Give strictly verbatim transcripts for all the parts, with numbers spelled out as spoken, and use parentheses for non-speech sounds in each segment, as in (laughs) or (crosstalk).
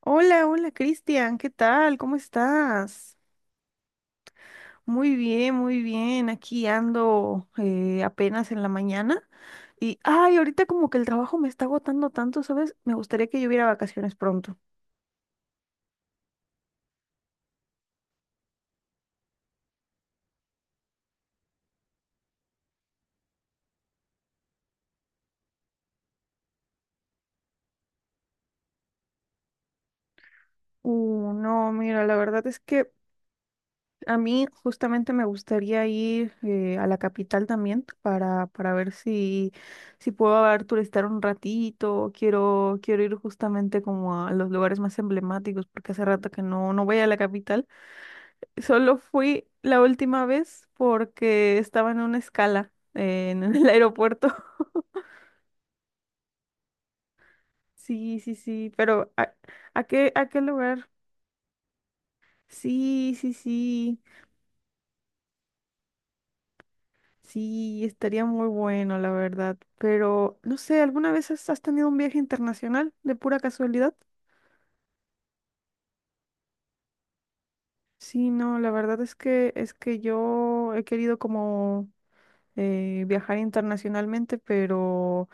Hola, hola Cristian, ¿qué tal? ¿Cómo estás? Muy bien, muy bien. Aquí ando eh, apenas en la mañana y, ay, ahorita como que el trabajo me está agotando tanto, ¿sabes? Me gustaría que yo hubiera vacaciones pronto. Uh, no, mira, la verdad es que a mí justamente me gustaría ir eh, a la capital también para, para ver si, si puedo a ver, turistear un ratito. Quiero, quiero ir justamente como a los lugares más emblemáticos porque hace rato que no, no voy a la capital. Solo fui la última vez porque estaba en una escala eh, en el (laughs) aeropuerto. Sí, sí, sí, pero ¿a, a qué, a qué lugar? Sí, sí, sí, sí, estaría muy bueno, la verdad. Pero, no sé, ¿alguna vez has, has tenido un viaje internacional de pura casualidad? Sí, no, la verdad es que es que yo he querido como eh, viajar internacionalmente, pero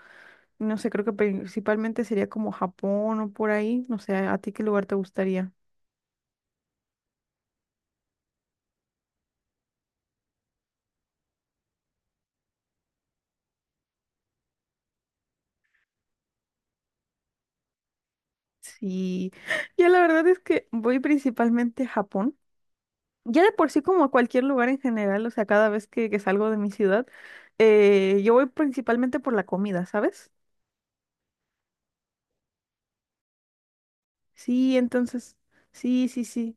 no sé, creo que principalmente sería como Japón o por ahí. No sé, ¿a ti qué lugar te gustaría? Sí, (gasps) (laughs) ya la verdad es que voy principalmente a Japón. Ya de por sí como a cualquier lugar en general, o sea, cada vez que, que salgo de mi ciudad, eh, yo voy principalmente por la comida, ¿sabes? Sí, entonces, sí, sí, sí.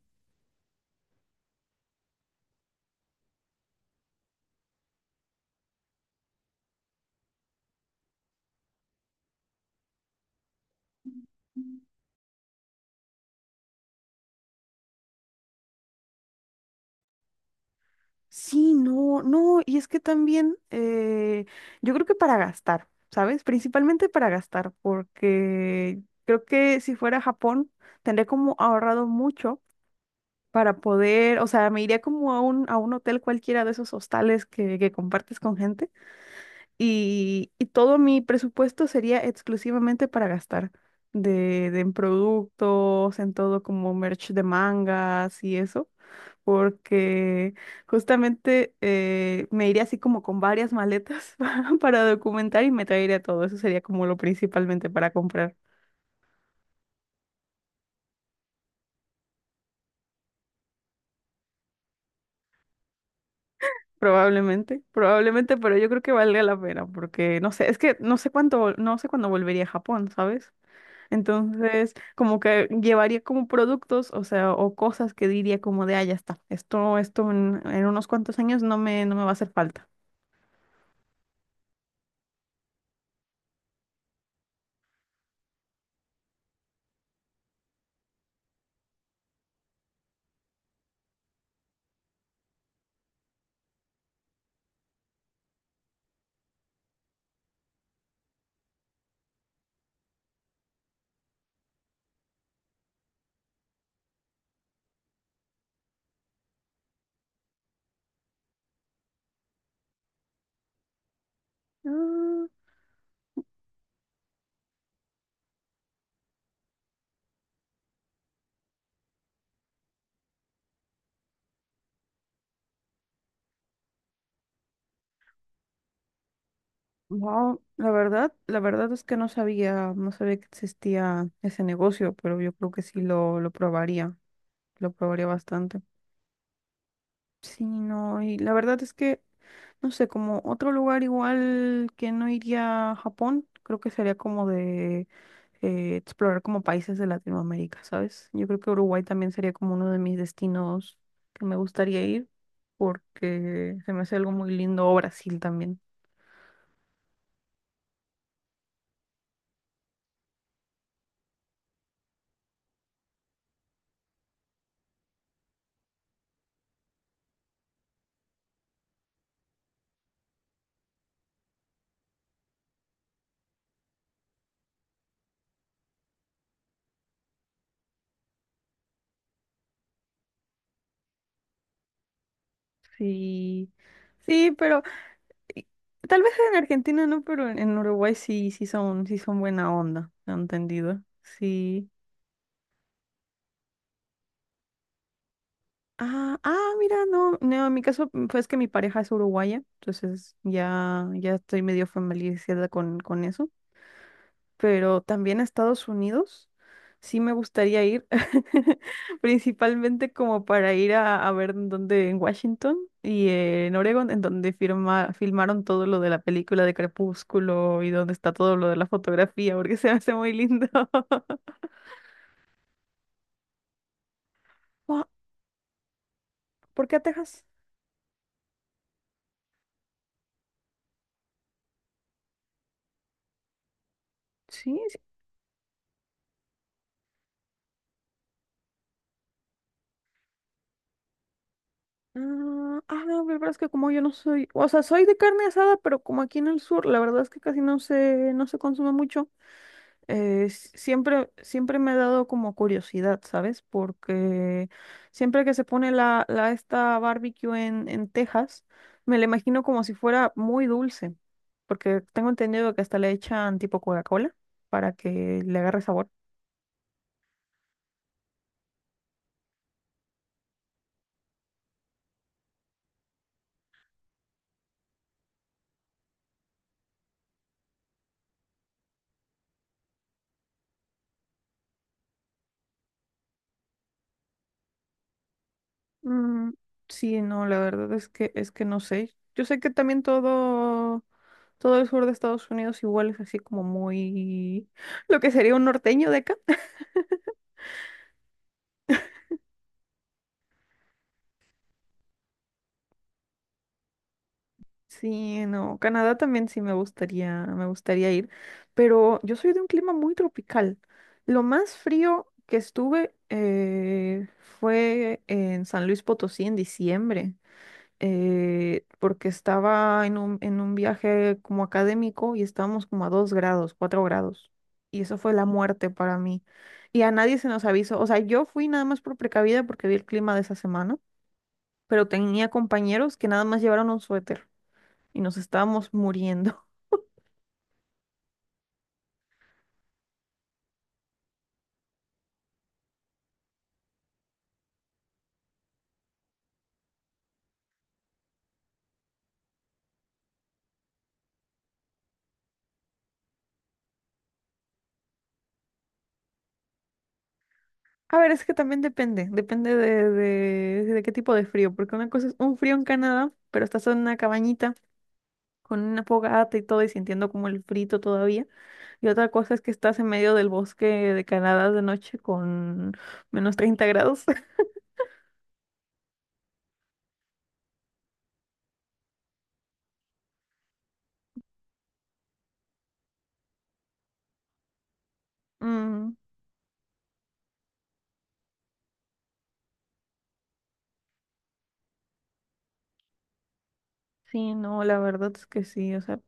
Sí, no, no, y es que también eh, yo creo que para gastar, ¿sabes? Principalmente para gastar, porque creo que si fuera a Japón tendría como ahorrado mucho para poder, o sea, me iría como a un, a un hotel cualquiera de esos hostales que, que compartes con gente y, y todo mi presupuesto sería exclusivamente para gastar de, de en productos, en todo como merch de mangas y eso, porque justamente eh, me iría así como con varias maletas (laughs) para, para documentar y me traería todo. Eso sería como lo principalmente para comprar. Probablemente, probablemente, pero yo creo que valga la pena porque no sé, es que no sé cuánto, no sé cuándo volvería a Japón, ¿sabes? Entonces, como que llevaría como productos, o sea, o cosas que diría como de, ah, ya está, esto, esto en, en unos cuantos años no me, no me va a hacer falta. Ah, wow, la verdad, la verdad es que no sabía, no sabía que existía ese negocio, pero yo creo que sí lo, lo probaría, lo probaría bastante. Sí, no, y la verdad es que, no sé, como otro lugar igual que no iría a Japón, creo que sería como de eh, explorar como países de Latinoamérica, ¿sabes? Yo creo que Uruguay también sería como uno de mis destinos que me gustaría ir, porque se me hace algo muy lindo, o Brasil también. Sí, sí, pero y- tal vez en Argentina no, pero en en Uruguay sí, sí son, sí son buena onda, ¿entendido? Sí. Ah, ah, mira, no, no, en mi caso mm, pues que mi pareja es uruguaya, entonces ya, ya estoy medio familiarizada con, con eso. Pero también a Estados Unidos sí me gustaría ir, (laughs) principalmente como para ir a, a ver en dónde, en Washington y eh, en Oregon, en donde firma, filmaron todo lo de la película de Crepúsculo y donde está todo lo de la fotografía, porque se me hace muy lindo. (laughs) Wa- ¿Por qué a Texas? Sí, ah, ah, no, la verdad es que como yo no soy, o sea, soy de carne asada, pero como aquí en el sur, la verdad es que casi no se, no se consume mucho. Eh, s- siempre, siempre me ha dado como curiosidad, ¿sabes? Porque siempre que se pone la, la esta barbecue en, en Texas, me la imagino como si fuera muy dulce, porque tengo entendido que hasta le echan tipo Coca-Cola para que le agarre sabor. Mm, sí, no, la verdad es que es que no sé. Yo sé que también todo, todo el sur de Estados Unidos igual es así como muy (gasps) lo que sería un norteño de acá. (laughs) Sí, no, Canadá también sí me gustaría, me gustaría ir, pero yo soy de un clima muy tropical. Lo más frío que estuve eh, fue en San Luis Potosí en diciembre. Eh, porque estaba en un, en un viaje como académico y estábamos como a dos grados, cuatro grados. Y eso fue la muerte para mí. Y a nadie se nos avisó. O sea, yo fui nada más por precavida porque vi el clima de esa semana, pero tenía compañeros que nada más llevaron un suéter y nos estábamos muriendo. (laughs) A ver, es que también depende, depende de, de, de qué tipo de frío, porque una cosa es un frío en Canadá, pero estás en una cabañita con una fogata y todo y sintiendo como el frito todavía. Y otra cosa es que estás en medio del bosque de Canadá de noche con menos treinta grados. (laughs) Mm, sí, no, la verdad es que sí. O sea,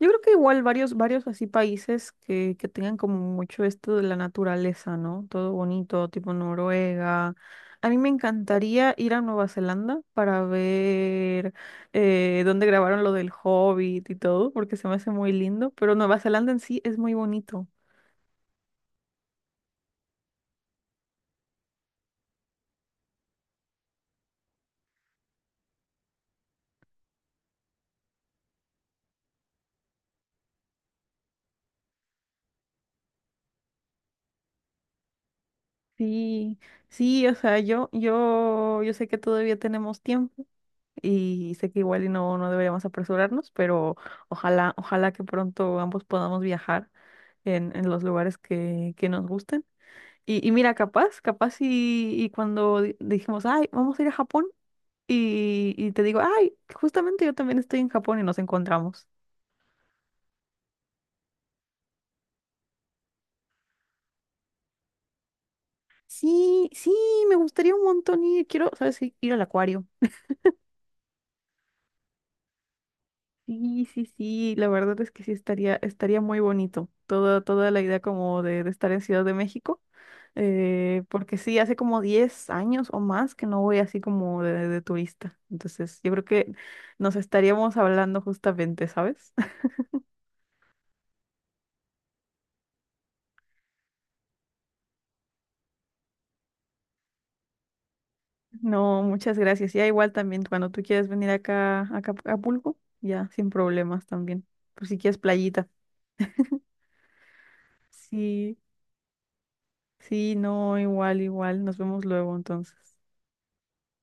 yo creo que igual varios, varios así países que, que tengan como mucho esto de la naturaleza, ¿no? Todo bonito, tipo Noruega. A mí me encantaría ir a Nueva Zelanda para ver eh, dónde grabaron lo del Hobbit y todo, porque se me hace muy lindo, pero Nueva Zelanda en sí es muy bonito. Sí, sí, o sea, yo, yo, yo sé que todavía tenemos tiempo y sé que igual y no, no deberíamos apresurarnos, pero ojalá, ojalá que pronto ambos podamos viajar en, en los lugares que, que nos gusten. Y, y mira, capaz, capaz y, y cuando di- dijimos, ay, vamos a ir a Japón, y, y te digo, ay, justamente yo también estoy en Japón y nos encontramos. Sí, sí, me gustaría un montón ir, quiero, ¿sabes qué? Ir al acuario. Sí, sí, sí, la verdad es que sí estaría, estaría muy bonito toda, toda la idea como de, de estar en Ciudad de México, eh, porque sí, hace como diez años o más que no voy así como de, de turista, entonces yo creo que nos estaríamos hablando justamente, ¿sabes? (laughs) No, muchas gracias, ya igual también cuando tú quieras venir acá a Acap- Acapulco, ya sin problemas también, por si quieres playita. Sí, sí, no, igual, igual, nos vemos luego entonces.